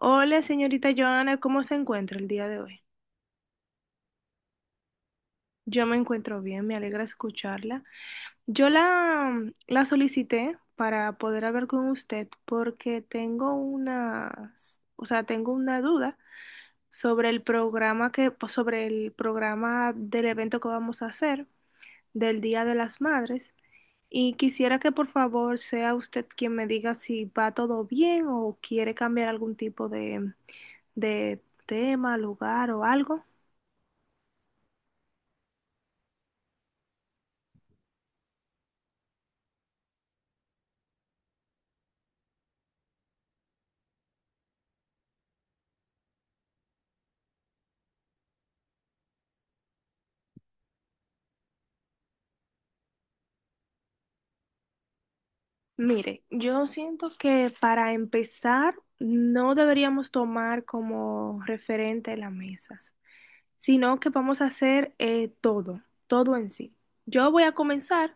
Hola, señorita Joana, ¿cómo se encuentra el día de hoy? Yo me encuentro bien, me alegra escucharla. Yo la solicité para poder hablar con usted porque tengo unas, o sea, tengo una duda sobre el programa que, pues, sobre el programa del evento que vamos a hacer del Día de las Madres y quisiera que por favor sea usted quien me diga si va todo bien o quiere cambiar algún tipo de tema, lugar o algo. Mire, yo siento que para empezar no deberíamos tomar como referente las mesas, sino que vamos a hacer todo, todo en sí. Yo voy a comenzar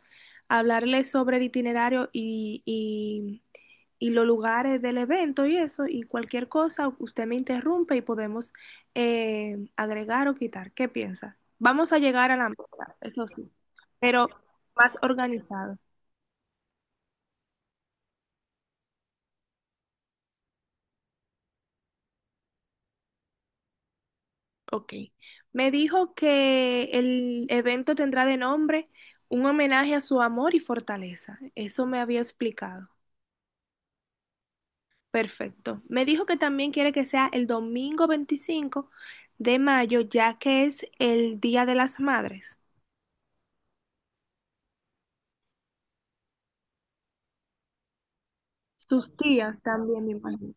a hablarles sobre el itinerario y los lugares del evento y eso, y cualquier cosa, usted me interrumpe y podemos agregar o quitar. ¿Qué piensa? Vamos a llegar a la meta, eso sí, pero más organizado. Ok. Me dijo que el evento tendrá de nombre un homenaje a su amor y fortaleza. Eso me había explicado. Perfecto. Me dijo que también quiere que sea el domingo 25 de mayo, ya que es el Día de las Madres. Sus tías también, me imagino.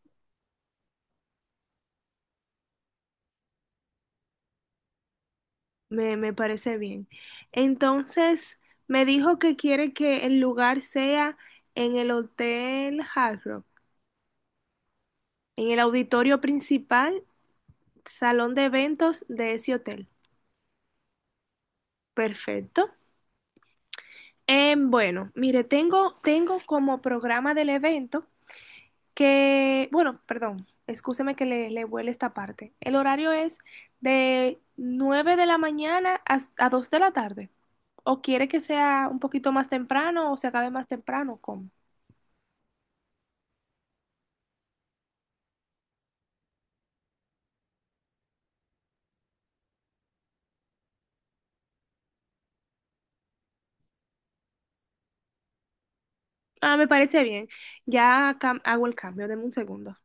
Me parece bien. Entonces, me dijo que quiere que el lugar sea en el Hotel Hard Rock, en el auditorio principal Salón de eventos de ese hotel. Perfecto. Bueno, mire, tengo como programa del evento que, bueno, perdón, escúcheme que le vuele esta parte. El horario es de 9 de la mañana a 2 de la tarde. ¿O quiere que sea un poquito más temprano o se acabe más temprano? ¿Cómo? Ah, me parece bien. Ya hago el cambio. Deme un segundo.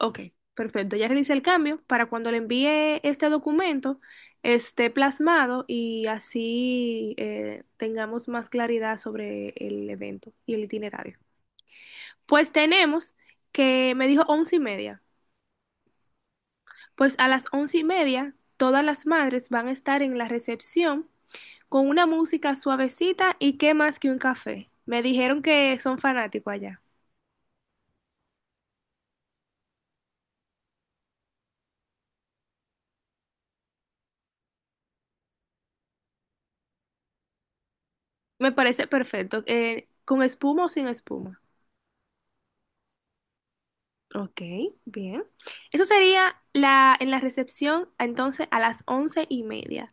Ok, perfecto. Ya realicé el cambio para cuando le envíe este documento esté plasmado y así tengamos más claridad sobre el evento y el itinerario. Pues tenemos que me dijo 11:30. Pues a las 11:30 todas las madres van a estar en la recepción con una música suavecita y qué más que un café. Me dijeron que son fanáticos allá. Me parece perfecto. ¿Con espuma o sin espuma? Ok, bien. Eso sería la, en la recepción, entonces, a las 11:30.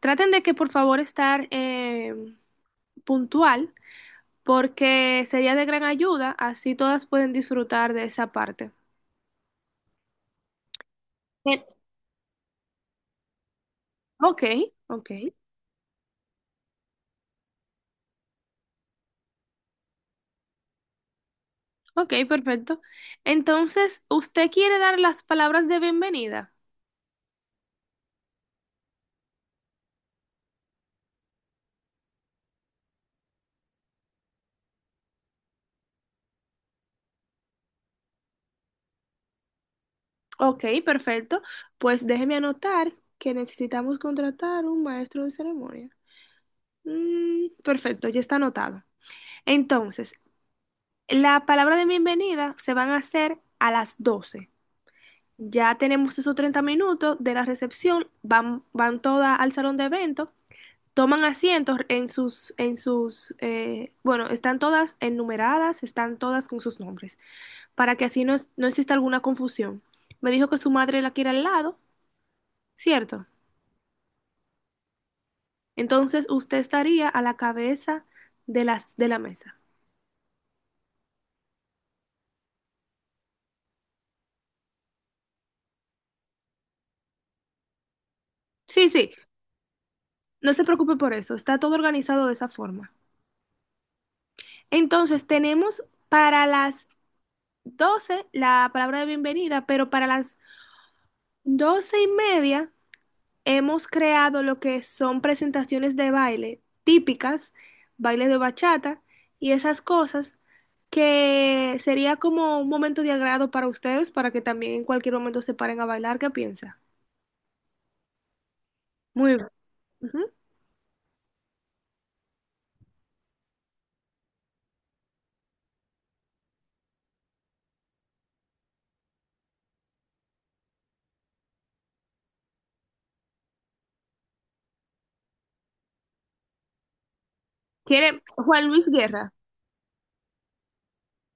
Traten de que, por favor, estar puntual, porque sería de gran ayuda, así todas pueden disfrutar de esa parte. Bien. Ok, ok, ok, perfecto. Entonces, ¿usted quiere dar las palabras de bienvenida? Ok, perfecto. Pues déjeme anotar que necesitamos contratar un maestro de ceremonia. Mm, perfecto, ya está anotado. Entonces, la palabra de bienvenida se van a hacer a las 12:00. Ya tenemos esos 30 minutos de la recepción, van, van todas al salón de eventos, toman asientos en sus, bueno, están todas enumeradas, están todas con sus nombres, para que así no, no exista alguna confusión. Me dijo que su madre la quiere al lado, ¿cierto? Entonces usted estaría a la cabeza de la mesa. Sí, sí, no se preocupe por eso, está todo organizado de esa forma. Entonces, tenemos para las 12:00 la palabra de bienvenida, pero para las 12:30 hemos creado lo que son presentaciones de baile típicas, baile de bachata y esas cosas que sería como un momento de agrado para ustedes para que también en cualquier momento se paren a bailar. ¿Qué piensa? Muy bien. Ujú. ¿Quiere Juan Luis Guerra?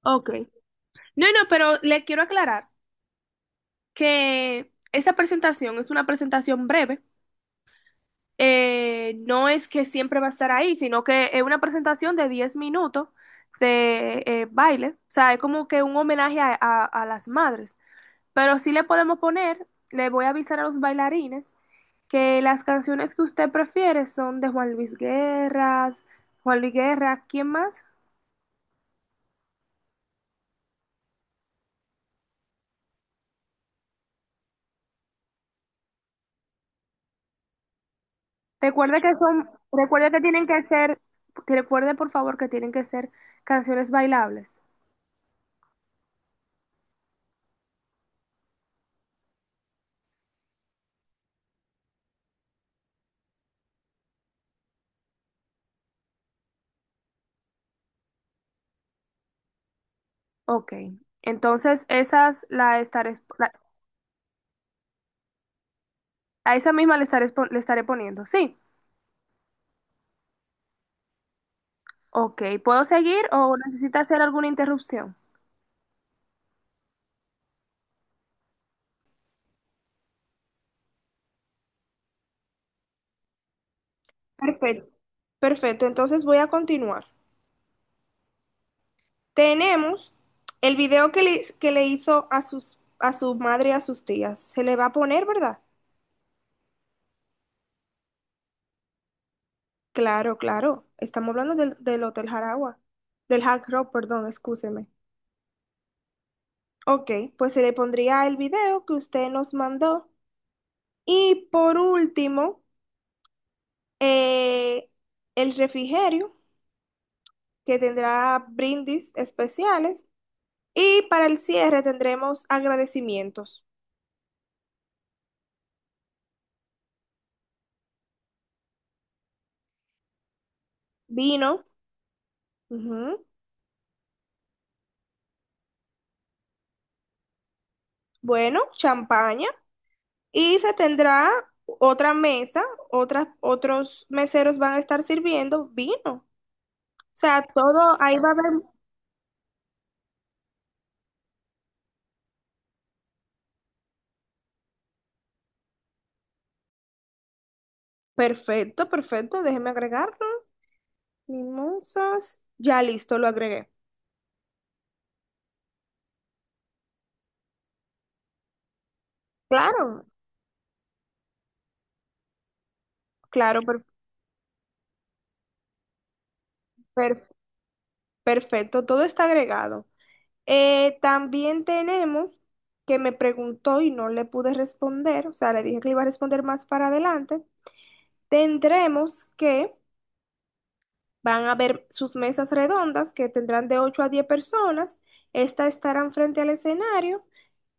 Ok. No, no, pero le quiero aclarar que esa presentación es una presentación breve no es que siempre va a estar ahí, sino que es una presentación de 10 minutos de baile. O sea, es como que un homenaje a las madres. Pero sí le podemos poner, le voy a avisar a los bailarines que las canciones que usted prefiere son de Juan Luis Guerra, Juan Luis Guerra, ¿quién más? Recuerde que tienen que ser, que recuerde por favor que tienen que ser canciones bailables. Ok, entonces esas la estaré, exp- la- a esa misma le estaré, le estaré poniendo, sí. Ok, ¿puedo seguir o necesita hacer alguna interrupción? Perfecto. Perfecto, entonces voy a continuar. Tenemos el video que le hizo a a su madre y a sus tías. Se le va a poner, ¿verdad? Claro, claro. Estamos hablando del Hotel Jaragua. Del Hard Rock, perdón, excúseme. Ok, pues se le pondría el video que usted nos mandó. Y por último, eh, el refrigerio, que tendrá brindis especiales. Y para el cierre tendremos agradecimientos, vino, ujú, bueno, champaña. Y se tendrá otra mesa, otros meseros van a estar sirviendo vino. O sea, todo ahí va a haber... Perfecto, perfecto, déjeme agregarlo. Mimosas. Ya listo, lo agregué. Claro, claro, per- perfecto, todo está agregado. También tenemos que me preguntó y no le pude responder, o sea, le dije que le iba a responder más para adelante. Tendremos que van a haber sus mesas redondas que tendrán de 8 a 10 personas. Estas estarán frente al escenario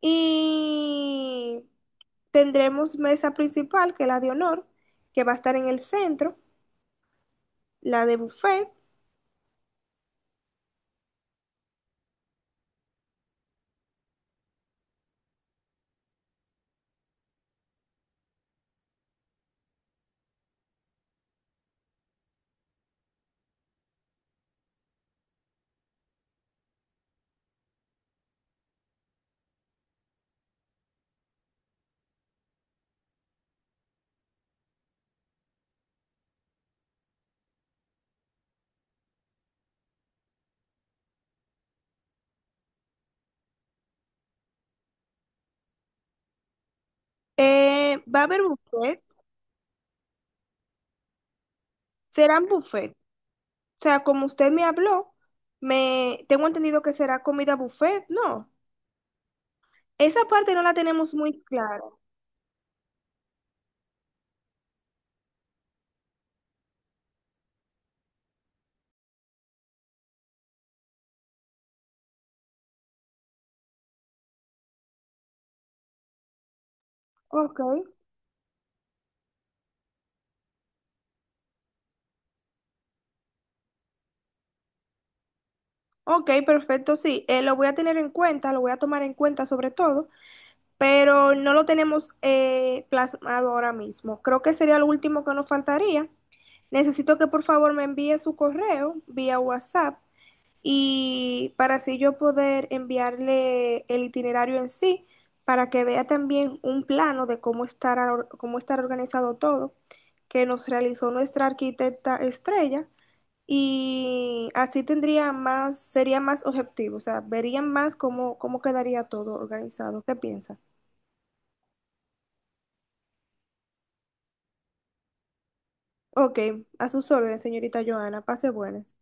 y tendremos mesa principal, que es la de honor, que va a estar en el centro, la de buffet. Va a haber buffet, serán buffet. O sea, como usted me habló, me tengo entendido que será comida buffet, ¿no? Esa parte no la tenemos muy clara. Ok. Ok, perfecto, sí. Lo voy a tener en cuenta, lo voy a tomar en cuenta sobre todo, pero no lo tenemos plasmado ahora mismo. Creo que sería lo último que nos faltaría. Necesito que por favor me envíe su correo vía WhatsApp y para así yo poder enviarle el itinerario en sí, para que vea también un plano de cómo estará organizado todo, que nos realizó nuestra arquitecta Estrella, y así tendría más, sería más objetivo, o sea, verían más cómo, cómo quedaría todo organizado. ¿Qué piensa? Ok, a sus órdenes, señorita Joana, pase buenas.